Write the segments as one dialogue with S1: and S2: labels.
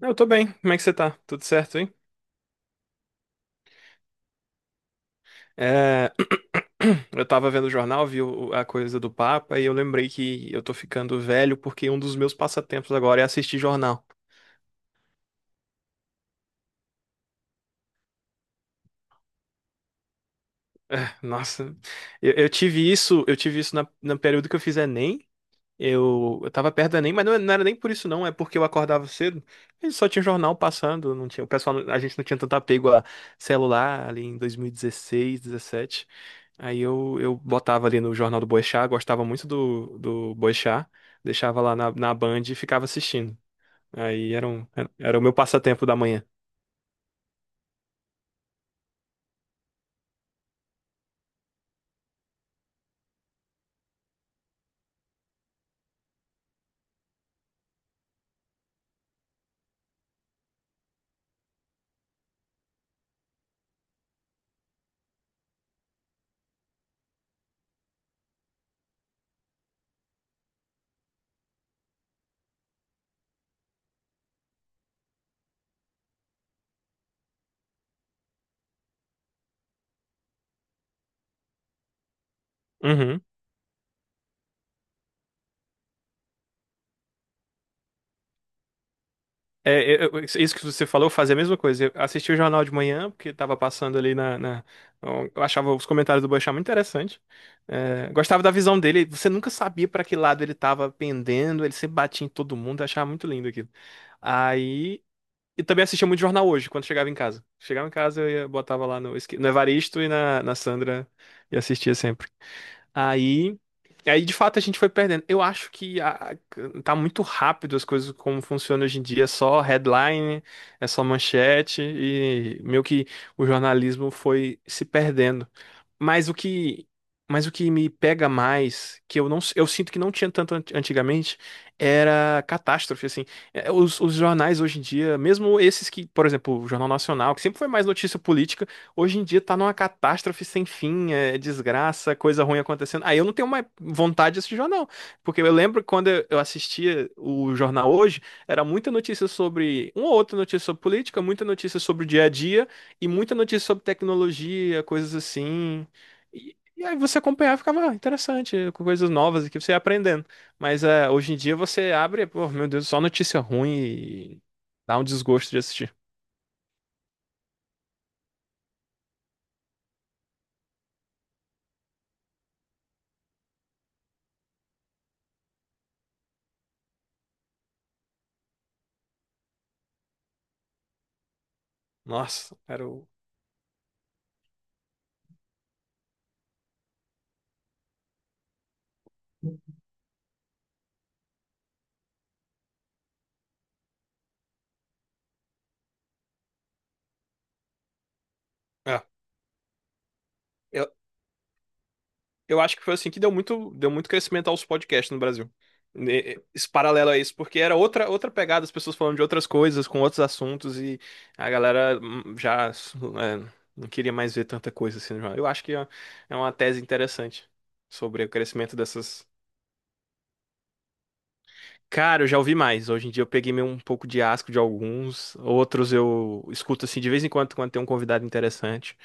S1: Eu tô bem, como é que você tá? Tudo certo, hein? É, Eu tava vendo o jornal, a coisa do Papa e eu lembrei que eu tô ficando velho porque um dos meus passatempos agora é assistir jornal. É, nossa, eu tive isso, no período que eu fiz Enem. Eu tava perto da ENEM, mas não era nem por isso não. É porque eu acordava cedo e só tinha jornal passando. Não tinha, o pessoal, não- A gente não tinha tanto apego a celular ali em 2016, 17. Eu botava ali no Jornal do Boechat, gostava muito do Boechat, deixava lá na Band e ficava assistindo. Aí era, um, era, era o meu passatempo da manhã. Uhum. Isso que você falou, eu fazia a mesma coisa. Eu assistia o jornal de manhã, porque tava passando ali Eu achava os comentários do Boechat muito interessante. É, gostava da visão dele. Você nunca sabia para que lado ele tava pendendo, ele sempre batia em todo mundo, eu achava muito lindo aquilo. Aí. E também assistia muito jornal hoje, quando chegava em casa. Chegava em casa, botava lá no Evaristo e na Sandra e assistia sempre. Aí, aí de fato a gente foi perdendo. Eu acho que tá muito rápido as coisas como funciona hoje em dia, é só headline, é só manchete e meio que o jornalismo foi se perdendo. Mas o que mas o que me pega mais, que eu sinto que não tinha tanto antigamente, era catástrofe assim. É. Os jornais hoje em dia, mesmo esses que, por exemplo, o Jornal Nacional, que sempre foi mais notícia política, hoje em dia tá numa catástrofe sem fim, é desgraça, coisa ruim acontecendo. Aí eu não tenho mais vontade de assistir jornal. Porque eu lembro que quando eu assistia o jornal hoje, era muita notícia sobre. Uma ou outra notícia sobre política, muita notícia sobre o dia a dia e muita notícia sobre tecnologia, coisas assim. E aí você acompanhava e ficava: "Ah, interessante, com coisas novas que você ia aprendendo." Mas é, hoje em dia você abre, pô, meu Deus, só notícia ruim e dá um desgosto de assistir. Nossa, era o. É. Eu, eu acho que foi assim que deu muito crescimento aos podcasts no Brasil. Esse paralelo a isso, porque era outra, outra pegada, as pessoas falando de outras coisas, com outros assuntos, e a galera não queria mais ver tanta coisa assim. Já. Eu acho que é uma tese interessante sobre o crescimento dessas. Cara, eu já ouvi mais. Hoje em dia eu peguei meio um pouco de asco de alguns, outros eu escuto assim de vez em quando quando tem um convidado interessante,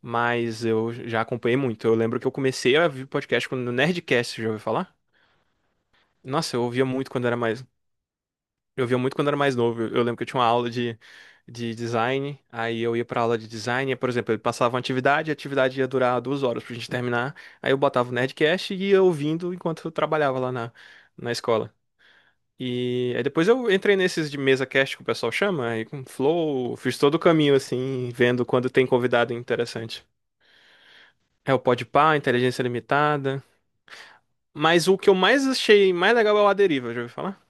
S1: mas eu já acompanhei muito. Eu lembro que eu comecei a ouvir podcast quando no Nerdcast, já ouviu falar? Nossa, eu ouvia muito quando era mais. Eu ouvia muito quando era mais novo. Eu lembro que eu tinha uma aula de design, aí eu ia pra aula de design, e, por exemplo, ele passava uma atividade, e a atividade ia durar 2 horas pra gente terminar. Aí eu botava o Nerdcast e ia ouvindo enquanto eu trabalhava lá na escola. E aí depois eu entrei nesses de mesa cast que o pessoal chama, aí com Flow, fiz todo o caminho assim, vendo quando tem convidado interessante. É o Podpah, Inteligência Limitada. Mas o que eu mais achei mais legal é o A Deriva, já ouviu falar?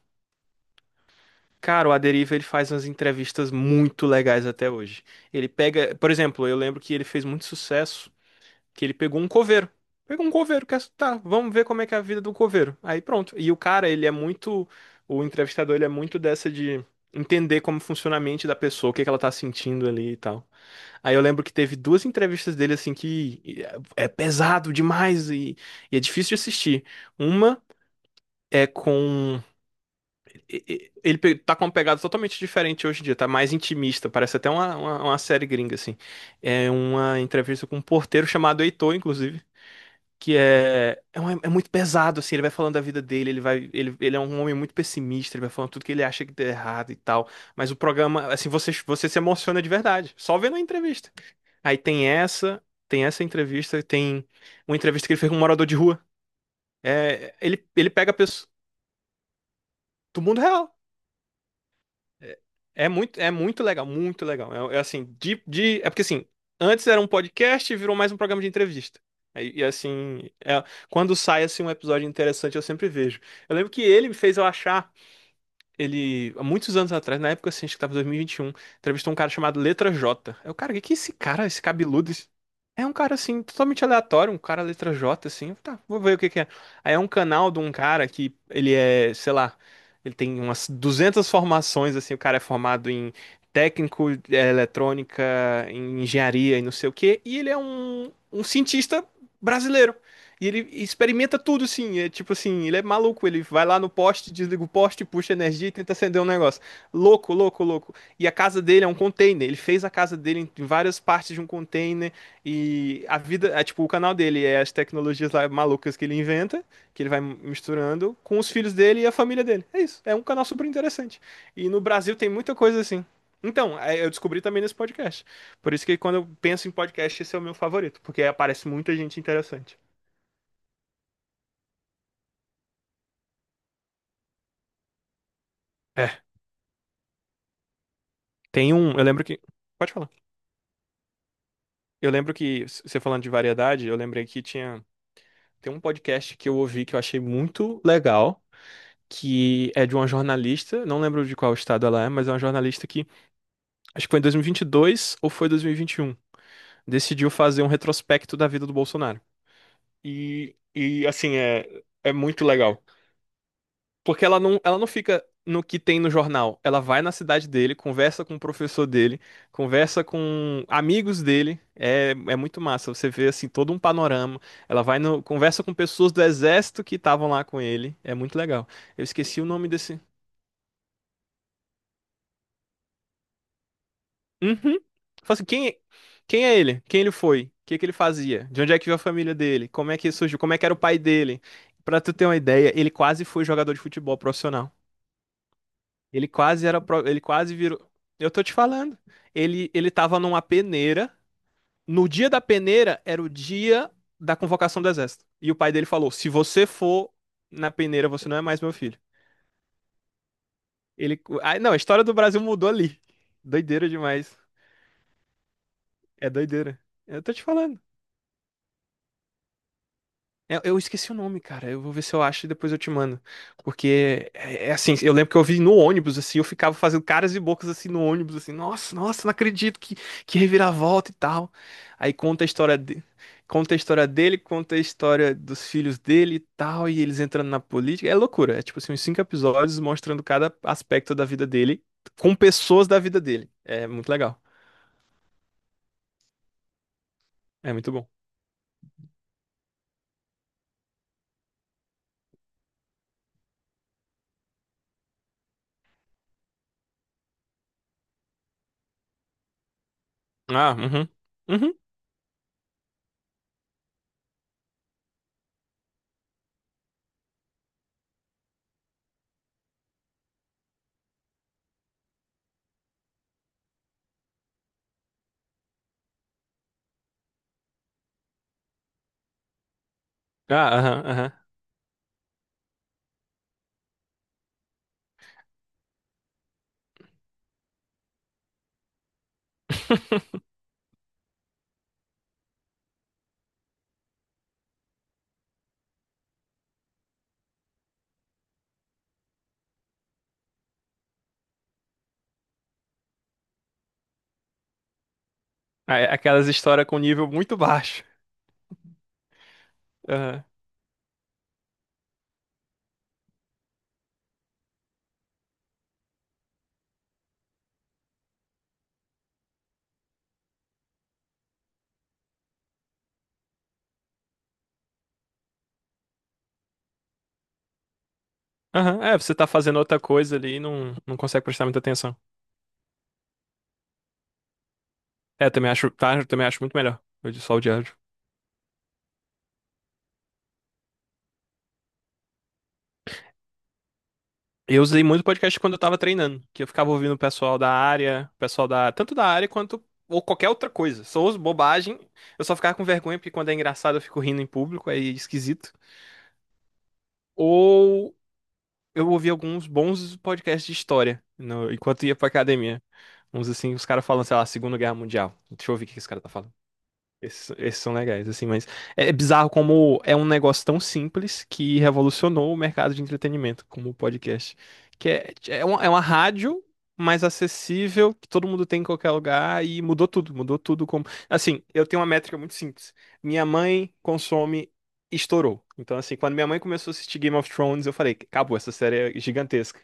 S1: Cara, o A Deriva ele faz umas entrevistas muito legais até hoje. Ele pega, por exemplo, eu lembro que ele fez muito sucesso, que ele pegou um coveiro. Pegou um coveiro, quer tá, vamos ver como é que é a vida do coveiro. Aí pronto. E o cara, ele é muito, o entrevistador, ele é muito dessa de entender como funciona a mente da pessoa, o que que ela tá sentindo ali e tal. Aí eu lembro que teve duas entrevistas dele assim que é pesado demais e é difícil de assistir. Uma é com ele tá com uma pegada totalmente diferente hoje em dia, tá mais intimista, parece até uma série gringa, assim. É uma entrevista com um porteiro chamado Heitor, inclusive, que é muito pesado, assim, ele vai falando da vida dele, ele vai, ele é um homem muito pessimista, ele vai falando tudo que ele acha que deu errado e tal, mas o programa, assim, você se emociona de verdade, só vendo a entrevista. Aí tem essa entrevista, tem uma entrevista que ele fez com um morador de rua. É, ele pega pessoas do mundo real. É é muito legal, muito legal. É, é assim, é porque assim, antes era um podcast e virou mais um programa de entrevista. E, e, assim, é- quando sai assim um episódio interessante, eu sempre vejo. Eu lembro que ele me fez eu achar ele, há muitos anos atrás, na época, assim, acho que tava em 2021, entrevistou um cara chamado Letra J. É o cara, o que que é esse cara, esse cabeludo? É um cara, assim, totalmente aleatório, um cara Letra J, assim. Eu, tá, vou ver o que que é. Aí é um canal de um cara que ele é, sei lá, ele tem umas 200 formações, assim. O cara é formado em técnico, é, eletrônica, em engenharia e não sei o quê. E ele é um cientista brasileiro. E ele experimenta tudo, sim. É tipo assim, ele é maluco. Ele vai lá no poste, desliga o poste, puxa energia e tenta acender um negócio. Louco, louco, louco. E a casa dele é um container. Ele fez a casa dele em várias partes de um container. E a vida, é, tipo, o canal dele é as tecnologias lá malucas que ele inventa, que ele vai misturando com os filhos dele e a família dele. É isso. É um canal super interessante. E no Brasil tem muita coisa assim. Então, é, eu descobri também nesse podcast. Por isso que quando eu penso em podcast, esse é o meu favorito, porque aparece muita gente interessante. É. Tem um, eu lembro que. Pode falar. Eu lembro que, você falando de variedade, eu lembrei que tinha. Tem um podcast que eu ouvi que eu achei muito legal, que é de uma jornalista, não lembro de qual estado ela é, mas é uma jornalista que, acho que foi em 2022 ou foi dois mil e vinte e um, decidiu fazer um retrospecto da vida do Bolsonaro. E assim, é, é muito legal. Porque ela não fica no que tem no jornal. Ela vai na cidade dele, conversa com o professor dele, conversa com amigos dele. É, é muito massa. Você vê assim todo um panorama. Ela vai no, conversa com pessoas do exército que estavam lá com ele. É muito legal. Eu esqueci o nome desse. Uhum. Fala assim, quem é ele? Quem ele foi? O que que ele fazia? De onde é que veio a família dele? Como é que surgiu? Como é que era o pai dele? Pra tu ter uma ideia, ele quase foi jogador de futebol profissional. Ele quase era, ele quase virou. Eu tô te falando. Ele tava numa peneira. No dia da peneira era o dia da convocação do exército. E o pai dele falou: "Se você for na peneira, você não é mais meu filho". Ele, ah, não, a história do Brasil mudou ali. Doideira demais. É doideira. Eu tô te falando. Eu esqueci o nome, cara. Eu vou ver se eu acho e depois eu te mando. Porque é, é assim, eu lembro que eu vi no ônibus, assim, eu ficava fazendo caras e bocas assim no ônibus, assim, nossa, nossa, não acredito que reviravolta e tal. Aí conta a história de, conta a história dele, conta a história dos filhos dele e tal, e eles entrando na política. É loucura. É tipo assim, uns 5 episódios mostrando cada aspecto da vida dele com pessoas da vida dele. É muito legal. É muito bom. Ah, uhum. Uhum. Ah, aham, aham. É, aquelas histórias com nível muito baixo. Aham. Aham, é, você tá fazendo outra coisa ali e não, não consegue prestar muita atenção. É, também acho, tá, eu também acho muito melhor. Eu de só o diário. Eu usei muito podcast quando eu tava treinando, que eu ficava ouvindo o pessoal da área, pessoal da, tanto da área quanto ou qualquer outra coisa. Só uso bobagem, eu só ficava com vergonha porque quando é engraçado eu fico rindo em público, é esquisito. Ou eu ouvi alguns bons podcasts de história enquanto ia pra academia. Uns assim, os caras falando, sei lá, Segunda Guerra Mundial. Deixa eu ouvir o que esse cara tá falando. Esses são legais, assim, mas é bizarro como é um negócio tão simples que revolucionou o mercado de entretenimento, como o podcast, que é é uma rádio mais acessível, que todo mundo tem em qualquer lugar e mudou tudo como... Assim, eu tenho uma métrica muito simples. Minha mãe consome estourou. Então, assim, quando minha mãe começou a assistir Game of Thrones, eu falei, acabou, essa série é gigantesca.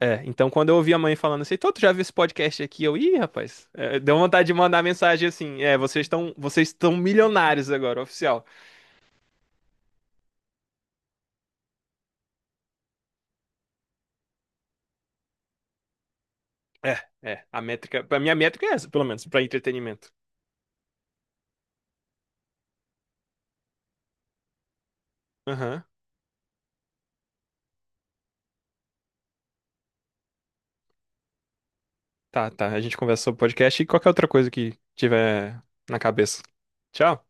S1: É, então quando eu ouvi a mãe falando assim, tô, tu já viu esse podcast aqui? Eu, ih, rapaz, é, deu vontade de mandar mensagem assim, é, vocês estão milionários agora, oficial. É, é, a métrica, a minha métrica é essa, pelo menos, pra entretenimento. Aham. Tá, tá, a gente conversa sobre podcast e qualquer outra coisa que tiver na cabeça. Tchau.